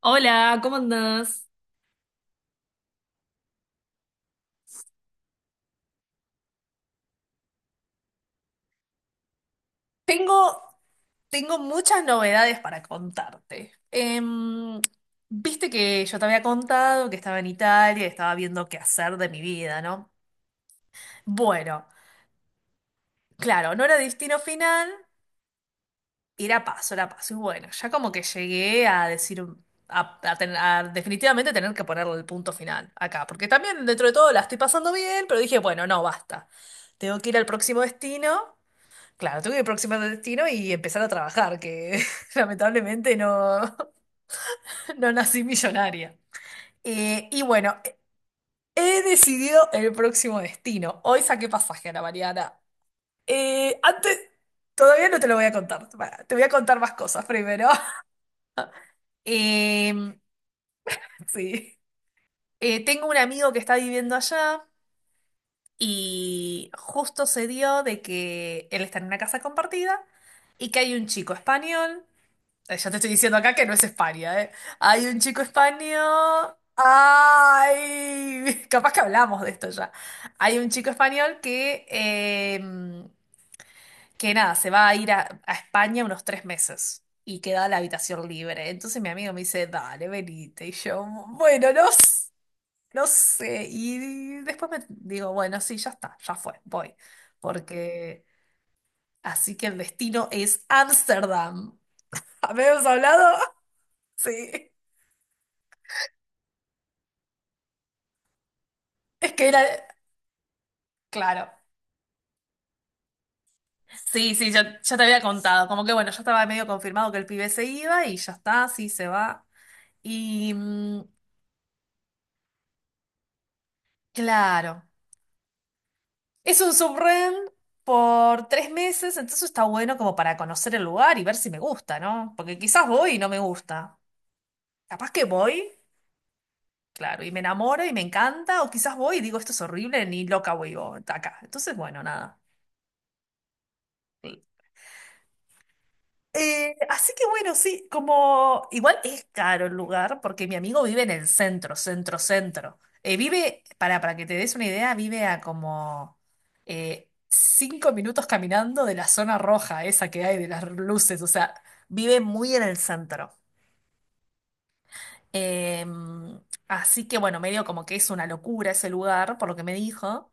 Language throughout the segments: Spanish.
Hola, ¿cómo andás? Tengo, tengo muchas novedades para contarte. Viste que yo te había contado que estaba en Italia y estaba viendo qué hacer de mi vida, ¿no? Bueno, claro, no era destino final, era paso, era paso. Y bueno, ya como que llegué a decir, a definitivamente tener que ponerle el punto final acá, porque también dentro de todo la estoy pasando bien, pero dije, bueno, no, basta. Tengo que ir al próximo destino. Claro, tuve que próximo destino y empezar a trabajar, que lamentablemente no, no nací millonaria. Y bueno, he decidido el próximo destino. Hoy saqué pasaje a la Mariana. Antes, todavía no te lo voy a contar. Pará, te voy a contar más cosas primero. Em, sí. Tengo un amigo que está viviendo allá y justo se dio de que él está en una casa compartida y que hay un chico español. Ya te estoy diciendo acá que no es España, ¿eh? Hay un chico español. ¡Ay! Capaz que hablamos de esto ya. Hay un chico español que nada, se va a ir a España unos 3 meses y queda la habitación libre. Entonces mi amigo me dice, dale, venite. Y yo, bueno, no, no sé. Y después me digo, bueno, sí, ya está, ya fue, voy. Porque así que el destino es Ámsterdam. ¿Habíamos hablado? Sí. Es que era, claro. Sí, sí, ya te había contado. Como que bueno, ya estaba medio confirmado que el pibe se iba y ya está, sí, se va. Y claro, es un subren por 3 meses, entonces está bueno como para conocer el lugar y ver si me gusta, ¿no? Porque quizás voy y no me gusta. Capaz que voy, claro, y me enamoro y me encanta, o quizás voy y digo, esto es horrible, ni loca voy yo de acá. Entonces, bueno, nada. Así que bueno, sí, como igual es caro el lugar porque mi amigo vive en el centro, centro, centro. Vive, para que te des una idea, vive a como 5 minutos caminando de la zona roja, esa que hay de las luces, o sea, vive muy en el centro. Em, Así que bueno, medio como que es una locura ese lugar, por lo que me dijo.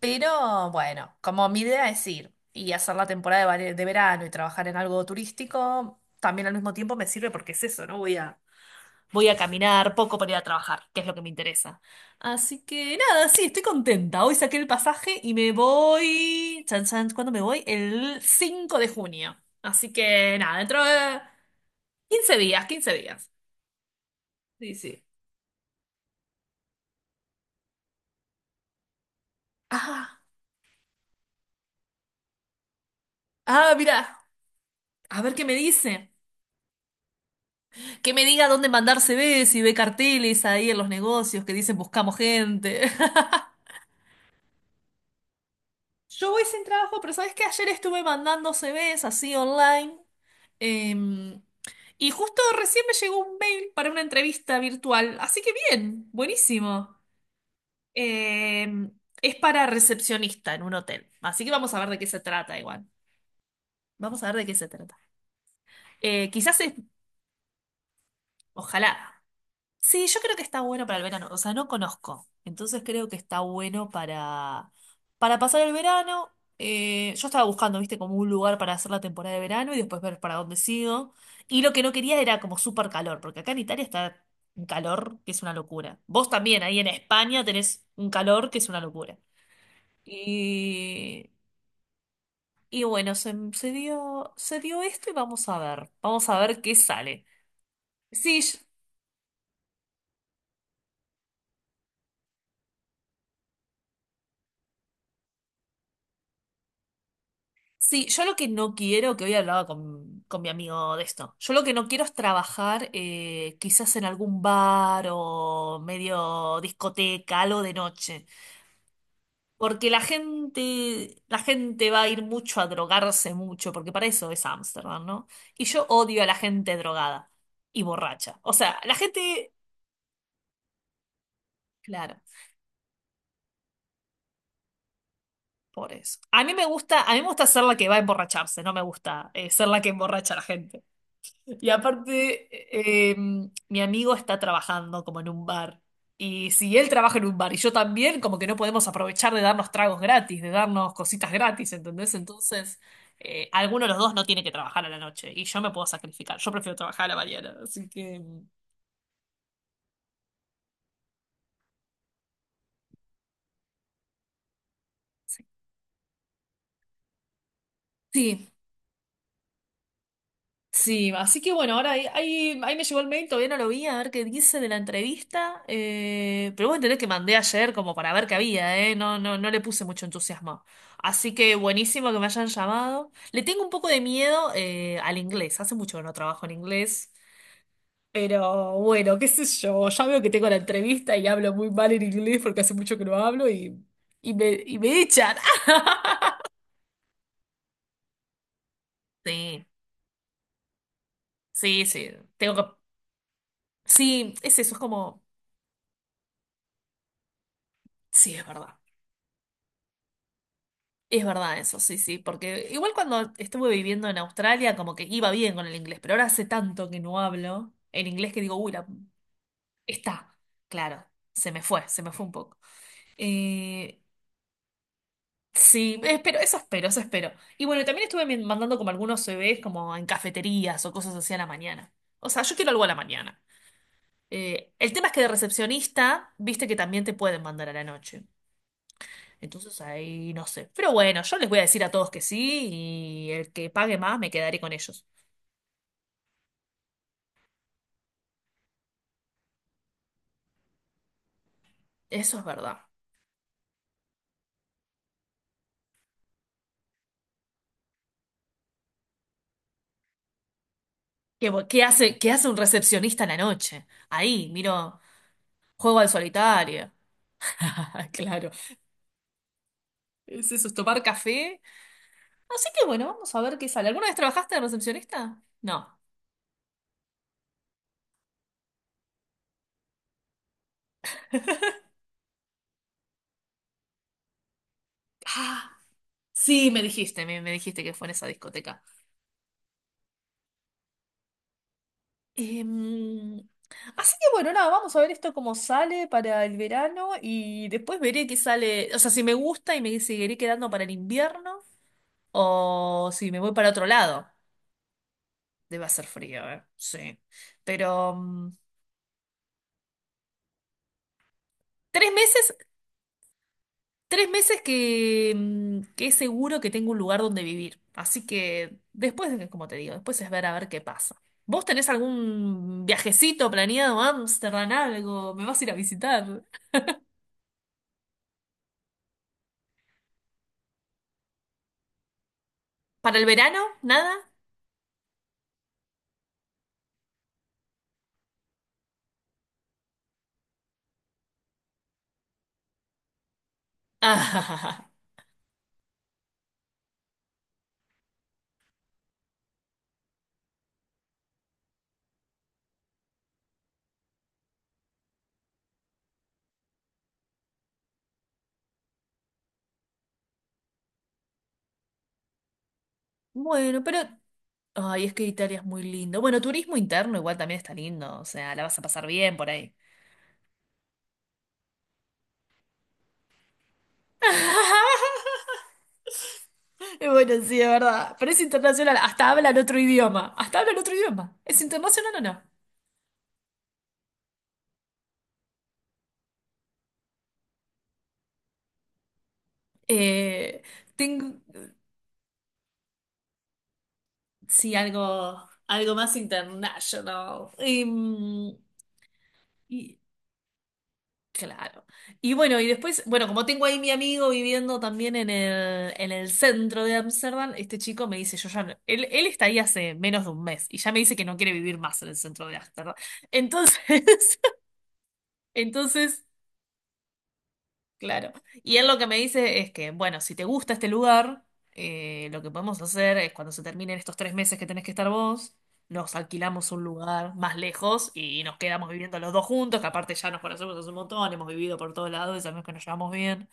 Pero bueno, como mi idea es ir y hacer la temporada de, de verano y trabajar en algo turístico, también al mismo tiempo me sirve porque es eso, ¿no? Voy a caminar poco para ir a trabajar, que es lo que me interesa. Así que nada, sí, estoy contenta. Hoy saqué el pasaje y me voy. Chan, chan, ¿cuándo me voy? El 5 de junio. Así que nada, dentro de 15 días, 15 días. Sí, sí. Ah, ah, mira, a ver qué me dice. Que me diga dónde mandar CVs y ve carteles ahí en los negocios que dicen buscamos gente. Yo voy sin trabajo, pero ¿sabes qué? Ayer estuve mandando CVs así online. em, y justo recién me llegó un mail para una entrevista virtual. Así que bien, buenísimo. Em, es para recepcionista en un hotel. Así que vamos a ver de qué se trata igual. Vamos a ver de qué se trata. Quizás es, ojalá. Sí, yo creo que está bueno para el verano. O sea, no conozco. Entonces creo que está bueno para pasar el verano. Yo estaba buscando, viste, como un lugar para hacer la temporada de verano y después ver para dónde sigo. Y lo que no quería era como súper calor, porque acá en Italia está un calor que es una locura. Vos también, ahí en España tenés un calor que es una locura. Y, y bueno, se dio esto y vamos a ver. Vamos a ver qué sale. Sí, sí, yo lo que no quiero, que hoy hablaba con mi amigo de esto, yo lo que no quiero es trabajar quizás en algún bar o medio discoteca, algo de noche, porque la gente va a ir mucho a drogarse mucho, porque para eso es Ámsterdam, ¿no? Y yo odio a la gente drogada y borracha. O sea, la gente, claro, por eso. A mí me gusta, a mí me gusta ser la que va a emborracharse, no me gusta ser la que emborracha a la gente. Y aparte, mi amigo está trabajando como en un bar. Y si él trabaja en un bar y yo también, como que no podemos aprovechar de darnos tragos gratis, de darnos cositas gratis, ¿entendés? Entonces, alguno de los dos no tiene que trabajar a la noche y yo me puedo sacrificar. Yo prefiero trabajar a la mañana. Así que, sí. Sí, así que bueno, ahora ahí me llegó el mail, todavía no lo vi, a ver qué dice de la entrevista. Pero vos entendés que mandé ayer como para ver qué había, ¿eh? No, no, no le puse mucho entusiasmo. Así que buenísimo que me hayan llamado. Le tengo un poco de miedo al inglés, hace mucho que no trabajo en inglés. Pero bueno, qué sé yo, ya veo que tengo la entrevista y hablo muy mal en inglés porque hace mucho que no hablo y me echan. Sí, sí, sí, tengo que... Sí, es eso, es como... Sí, es verdad. Es verdad eso, sí, sí, porque igual cuando estuve viviendo en Australia como que iba bien con el inglés, pero ahora hace tanto que no hablo en inglés que digo, uy, está, claro, se me fue un poco. Eh, sí, espero, eso espero, eso espero. Y bueno, también estuve mandando como algunos CVs como en cafeterías o cosas así a la mañana. O sea, yo quiero algo a la mañana. El tema es que de recepcionista, viste que también te pueden mandar a la noche. Entonces ahí no sé. Pero bueno, yo les voy a decir a todos que sí y el que pague más me quedaré con ellos. Eso es verdad. ¿Qué hace un recepcionista en la noche? Ahí, miro, juego al solitario. Claro. Es eso, es tomar café. Así que bueno, vamos a ver qué sale. ¿Alguna vez trabajaste de recepcionista? No. Ah, sí, me dijiste que fue en esa discoteca. Em, Así que bueno, nada, vamos a ver esto cómo sale para el verano y después veré qué sale, o sea, si me gusta y me seguiré quedando para el invierno o si me voy para otro lado. Debe hacer frío, ¿eh? Sí. Pero 3 meses, 3 meses que, que es seguro que tengo un lugar donde vivir. Así que después, como te digo, después es ver a ver qué pasa. ¿Vos tenés algún viajecito planeado a Ámsterdam, algo? ¿Me vas a ir a visitar? ¿Para el verano? ¿Nada? Ah, bueno, pero... Ay, es que Italia es muy lindo. Bueno, turismo interno igual también está lindo. O sea, la vas a pasar bien por ahí. Y bueno, sí, es verdad. Pero es internacional. Hasta hablan otro idioma. Hasta hablan otro idioma. ¿Es internacional o no? Eh, Tengo, sí, algo, algo más international. Y, Claro. Y bueno, y después, bueno, como tengo ahí mi amigo viviendo también en el centro de Ámsterdam, este chico me dice, yo ya, no- él está ahí hace menos de un mes y ya me dice que no quiere vivir más en el centro de Ámsterdam. Entonces, entonces claro. Y él lo que me dice es que, bueno, si te gusta este lugar, lo que podemos hacer es cuando se terminen estos 3 meses que tenés que estar vos, nos alquilamos un lugar más lejos y nos quedamos viviendo los dos juntos, que aparte ya nos conocemos hace un montón, hemos vivido por todos lados y sabemos que nos llevamos bien.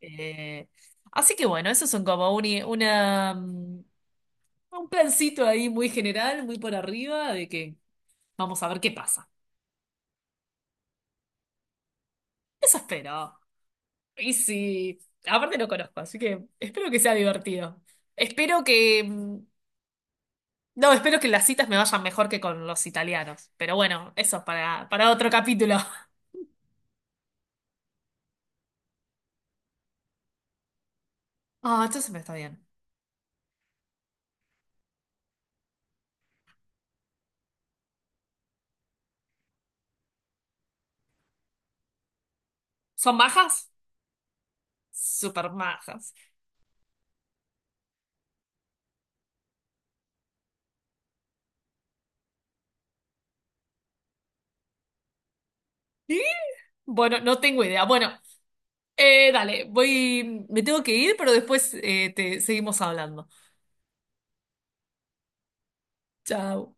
Eh, Así que bueno, eso son como un plancito ahí muy general, muy por arriba, de que vamos a ver qué pasa. Eso espero. Y sí, aparte lo conozco, así que espero que sea divertido. Espero que... No, espero que las citas me vayan mejor que con los italianos. Pero bueno, eso es para otro capítulo. Ah, entonces me está bien. ¿Son majas? Súper majas. ¿Y? Bueno, no tengo idea. Bueno, dale, voy... Me tengo que ir, pero después te seguimos hablando. Chao.